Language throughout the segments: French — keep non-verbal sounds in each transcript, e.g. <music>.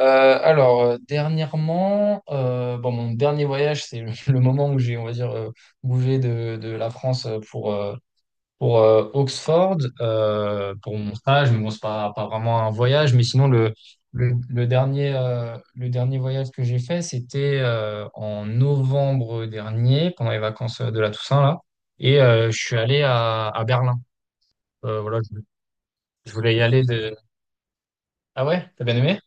Dernièrement, bon, mon dernier voyage, c'est <laughs> le moment où j'ai, on va dire, bougé de la France pour Oxford, pour mon stage, mais bon, c'est pas vraiment un voyage, mais sinon, le dernier voyage que j'ai fait, c'était en novembre dernier, pendant les vacances de la Toussaint, là, et je suis allé à Berlin. Euh, voilà, je, je voulais y aller de... Ah ouais, t'as bien aimé?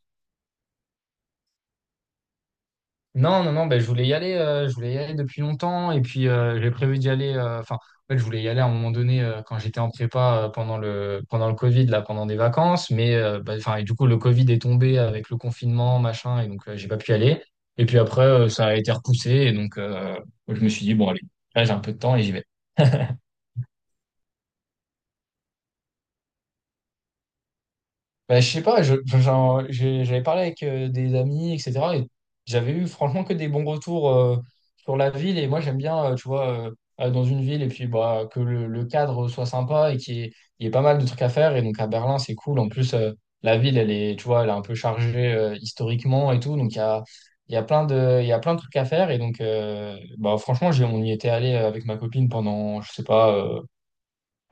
Non, non, non, ben, je voulais y aller, je voulais y aller depuis longtemps et puis j'ai prévu d'y aller. Enfin, en fait, je voulais y aller à un moment donné quand j'étais en prépa pendant le Covid là, pendant des vacances, mais ben, enfin et du coup le Covid est tombé avec le confinement machin et donc j'ai pas pu y aller. Et puis après ça a été repoussé et donc je me suis dit bon allez, là j'ai un peu de temps et j'y vais. Bah, je sais pas, <laughs> j'avais parlé avec des amis, etc. Et j'avais eu franchement que des bons retours sur la ville. Et moi, j'aime bien, tu vois, aller dans une ville et puis bah, que le cadre soit sympa et qu'il y il y ait pas mal de trucs à faire. Et donc à Berlin, c'est cool. En plus, la ville, elle est, tu vois, elle est un peu chargée historiquement et tout. Donc il y a plein il y a plein de trucs à faire. Et donc, bah, franchement, on y était allé avec ma copine pendant, je sais pas, euh,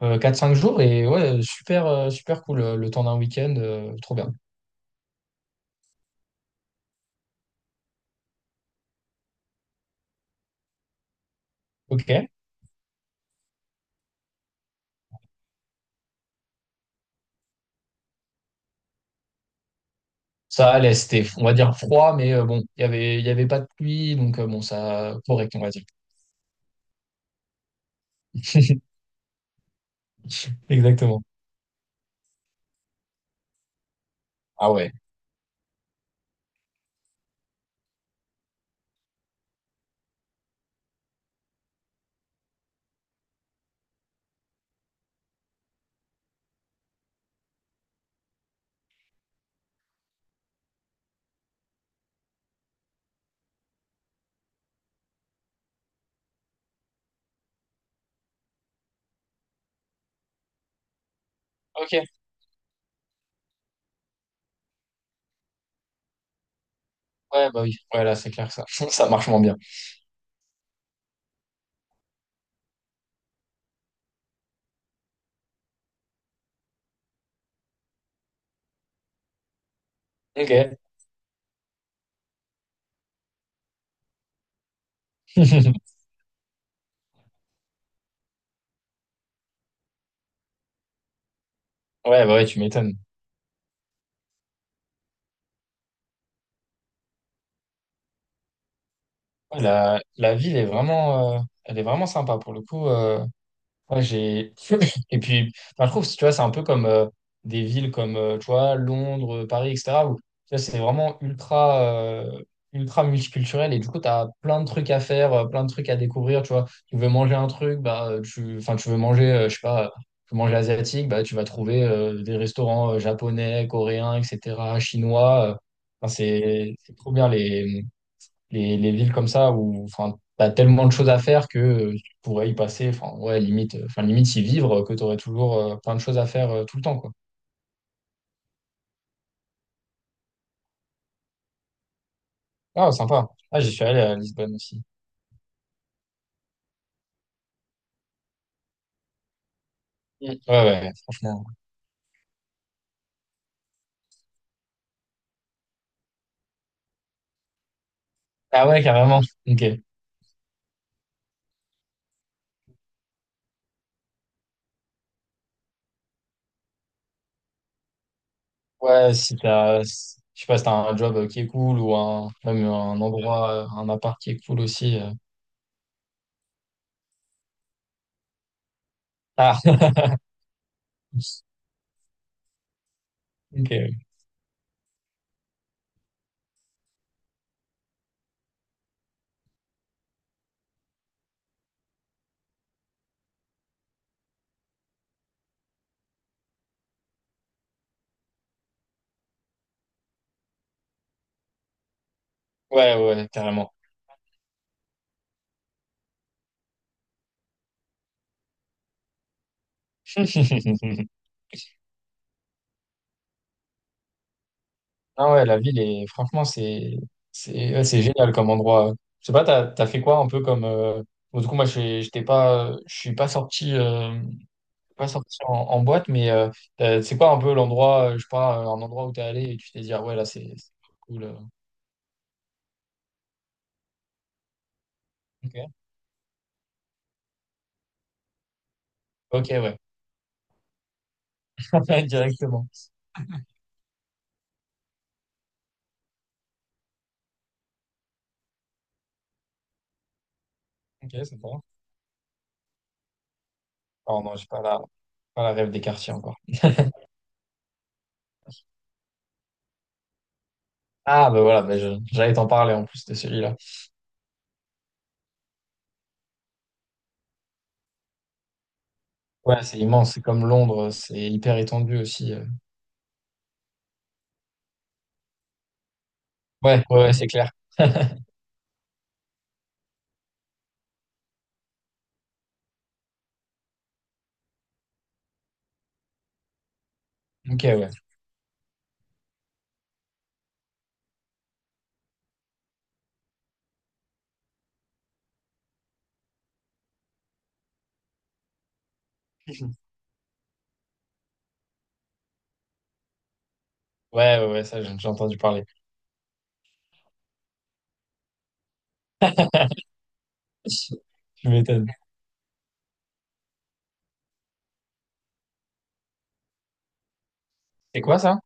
euh, 4-5 jours et ouais, super, super cool le temps d'un week-end, trop bien. Ok. Ça allait, c'était, on va dire, froid, mais bon, il y avait pas de pluie, donc bon, ça, correct, on va dire. <laughs> Exactement. Ah ouais. Ok. Ouais, bah oui. Ouais, là, c'est clair que ça, <laughs> ça marche moins bien. Ok. <laughs> Ouais, bah ouais, tu m'étonnes. Ouais, la ville est vraiment, elle est vraiment sympa pour le coup. Ouais, j'ai. <laughs> Et puis, enfin, je trouve, tu vois, c'est un peu comme des villes comme, tu vois, Londres, Paris, etc., où, tu vois, c'est vraiment ultra, ultra multiculturel et du coup, tu as plein de trucs à faire, plein de trucs à découvrir, tu vois. Tu veux manger un truc, bah, tu... Enfin, tu veux manger, je sais pas, tu veux manger asiatique, bah, tu vas trouver des restaurants japonais, coréens, etc., chinois. Enfin, c'est trop bien les villes comme ça où enfin t'as tellement de choses à faire que tu pourrais y passer enfin ouais limite enfin limite y vivre que t'aurais toujours plein de choses à faire tout le temps quoi. Ah sympa, ah j'y suis allé à Lisbonne aussi. Mm, ouais. Ouais, franchement. Ah ouais, carrément. Ok, ouais, si t'as je sais pas si t'as un job qui est cool ou un même un endroit un appart qui est cool aussi. Ah. <laughs> Ok. Ouais, ouais, carrément. <laughs> Ah ouais, la ville est franchement c'est ouais, c'est génial comme endroit. Je sais pas, t'as fait quoi un peu comme bon, du coup moi j'étais pas je suis pas sorti pas sorti en, en boîte mais c'est quoi un peu l'endroit je sais pas un endroit où t'es allé et tu t'es dit ah ouais là c'est cool. Ok. Ok, ouais. <laughs> Directement. Ok, c'est bon. Oh non, j'ai pas la pas la rêve des quartiers encore. Ah bah voilà bah, j'allais t'en parler en plus de celui-là. Ouais, c'est immense, c'est comme Londres, c'est hyper étendu aussi. Ouais, ouais, ouais, c'est clair. <laughs> Ok, ouais. Ouais, ouais, ouais, ça, j'ai déjà entendu parler. <laughs> Tu m'étonnes. C'est quoi ça?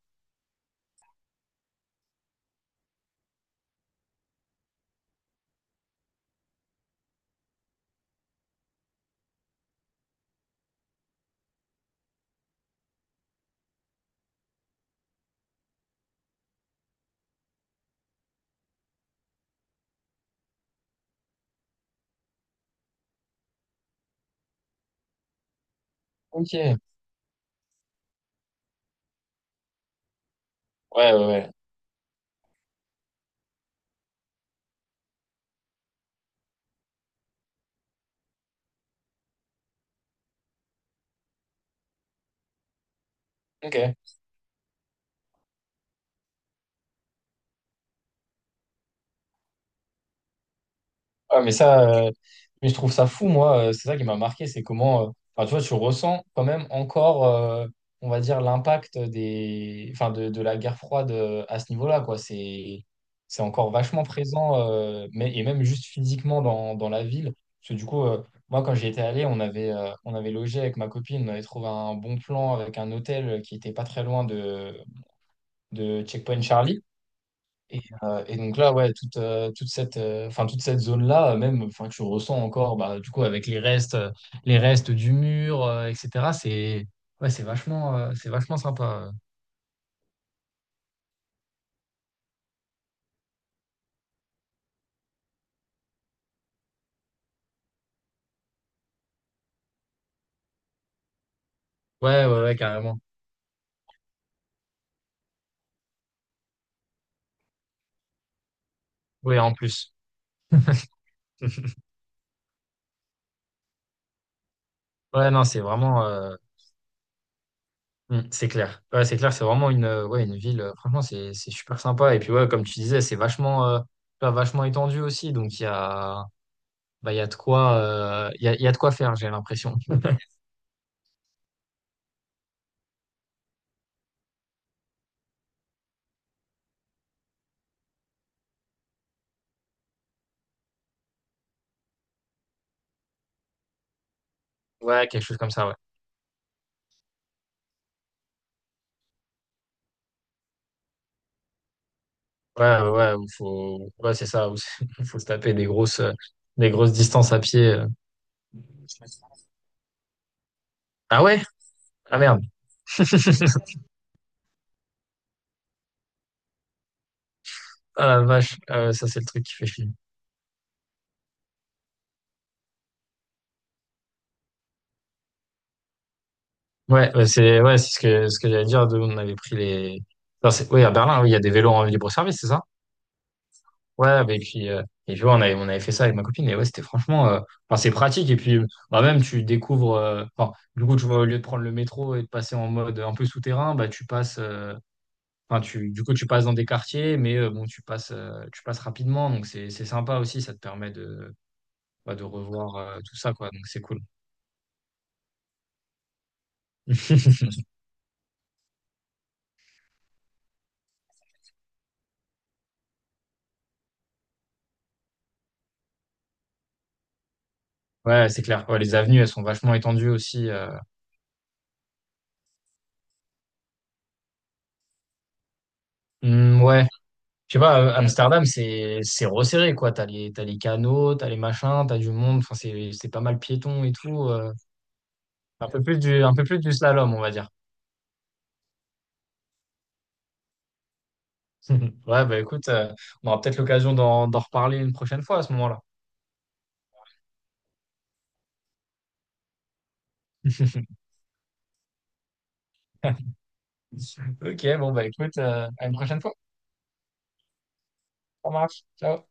Ok. Ouais, ouais, ouais. Ok. Ouais, mais ça, euh, mais je trouve ça fou, moi. C'est ça qui m'a marqué, c'est comment, enfin, tu vois, tu ressens quand même encore, on va dire, l'impact des, enfin, de la guerre froide à ce niveau-là, quoi. C'est encore vachement présent, mais, et même juste physiquement dans la ville. Parce que du coup, moi, quand j'y étais allé, on avait logé avec ma copine, on avait trouvé un bon plan avec un hôtel qui était pas très loin de Checkpoint Charlie. Et donc là, ouais, toute cette, enfin, toute cette zone-là, même, enfin, que je ressens encore, bah, du coup, avec les restes du mur, etc., ouais, c'est vachement sympa. Ouais, ouais, ouais, carrément. Ouais, en plus. <laughs> Ouais, non, c'est vraiment, c'est clair. Ouais, c'est clair, c'est vraiment une, ouais, une ville, franchement, c'est super sympa. Et puis, ouais, comme tu disais, c'est vachement, pas vachement étendu aussi. Donc, bah, il y a de quoi, il y a de quoi faire, j'ai l'impression. Ouais, quelque chose comme ça, ouais. Ouais, ouais, ouais, faut, ouais, c'est ça. <laughs> Il faut se taper des grosses distances à pied. Ah ouais? Ah merde. <laughs> Ah la vache. Ah ouais, ça, c'est le truc qui fait chier. Ouais, ouais, c'est ce que j'allais dire. On avait pris les, enfin, oui, à Berlin, oui, il y a des vélos en libre service, c'est ça? Ouais, et puis, ouais, on avait fait ça avec ma copine. Et ouais, c'était franchement, enfin, c'est pratique. Et puis, bah, même, tu découvres, enfin, du coup, tu vois, au lieu de prendre le métro et de passer en mode un peu souterrain, bah, tu passes, Enfin, tu, du coup, tu passes dans des quartiers, mais bon, tu passes rapidement, donc c'est sympa aussi, ça te permet de, bah, de revoir tout ça, quoi, donc c'est cool. <laughs> Ouais, c'est clair. Ouais, les avenues, elles sont vachement étendues aussi. Hmm, ouais, je sais pas, Amsterdam, c'est resserré, quoi. T'as les canaux, t'as les machins, t'as du monde, enfin, c'est pas mal piéton et tout. Un peu plus du, un peu plus du slalom, on va dire. <laughs> Ouais, bah écoute, on aura peut-être l'occasion d'en reparler une prochaine fois à ce moment-là. <laughs> Ok, bon, bah écoute, à une prochaine fois. Ça marche. Ciao.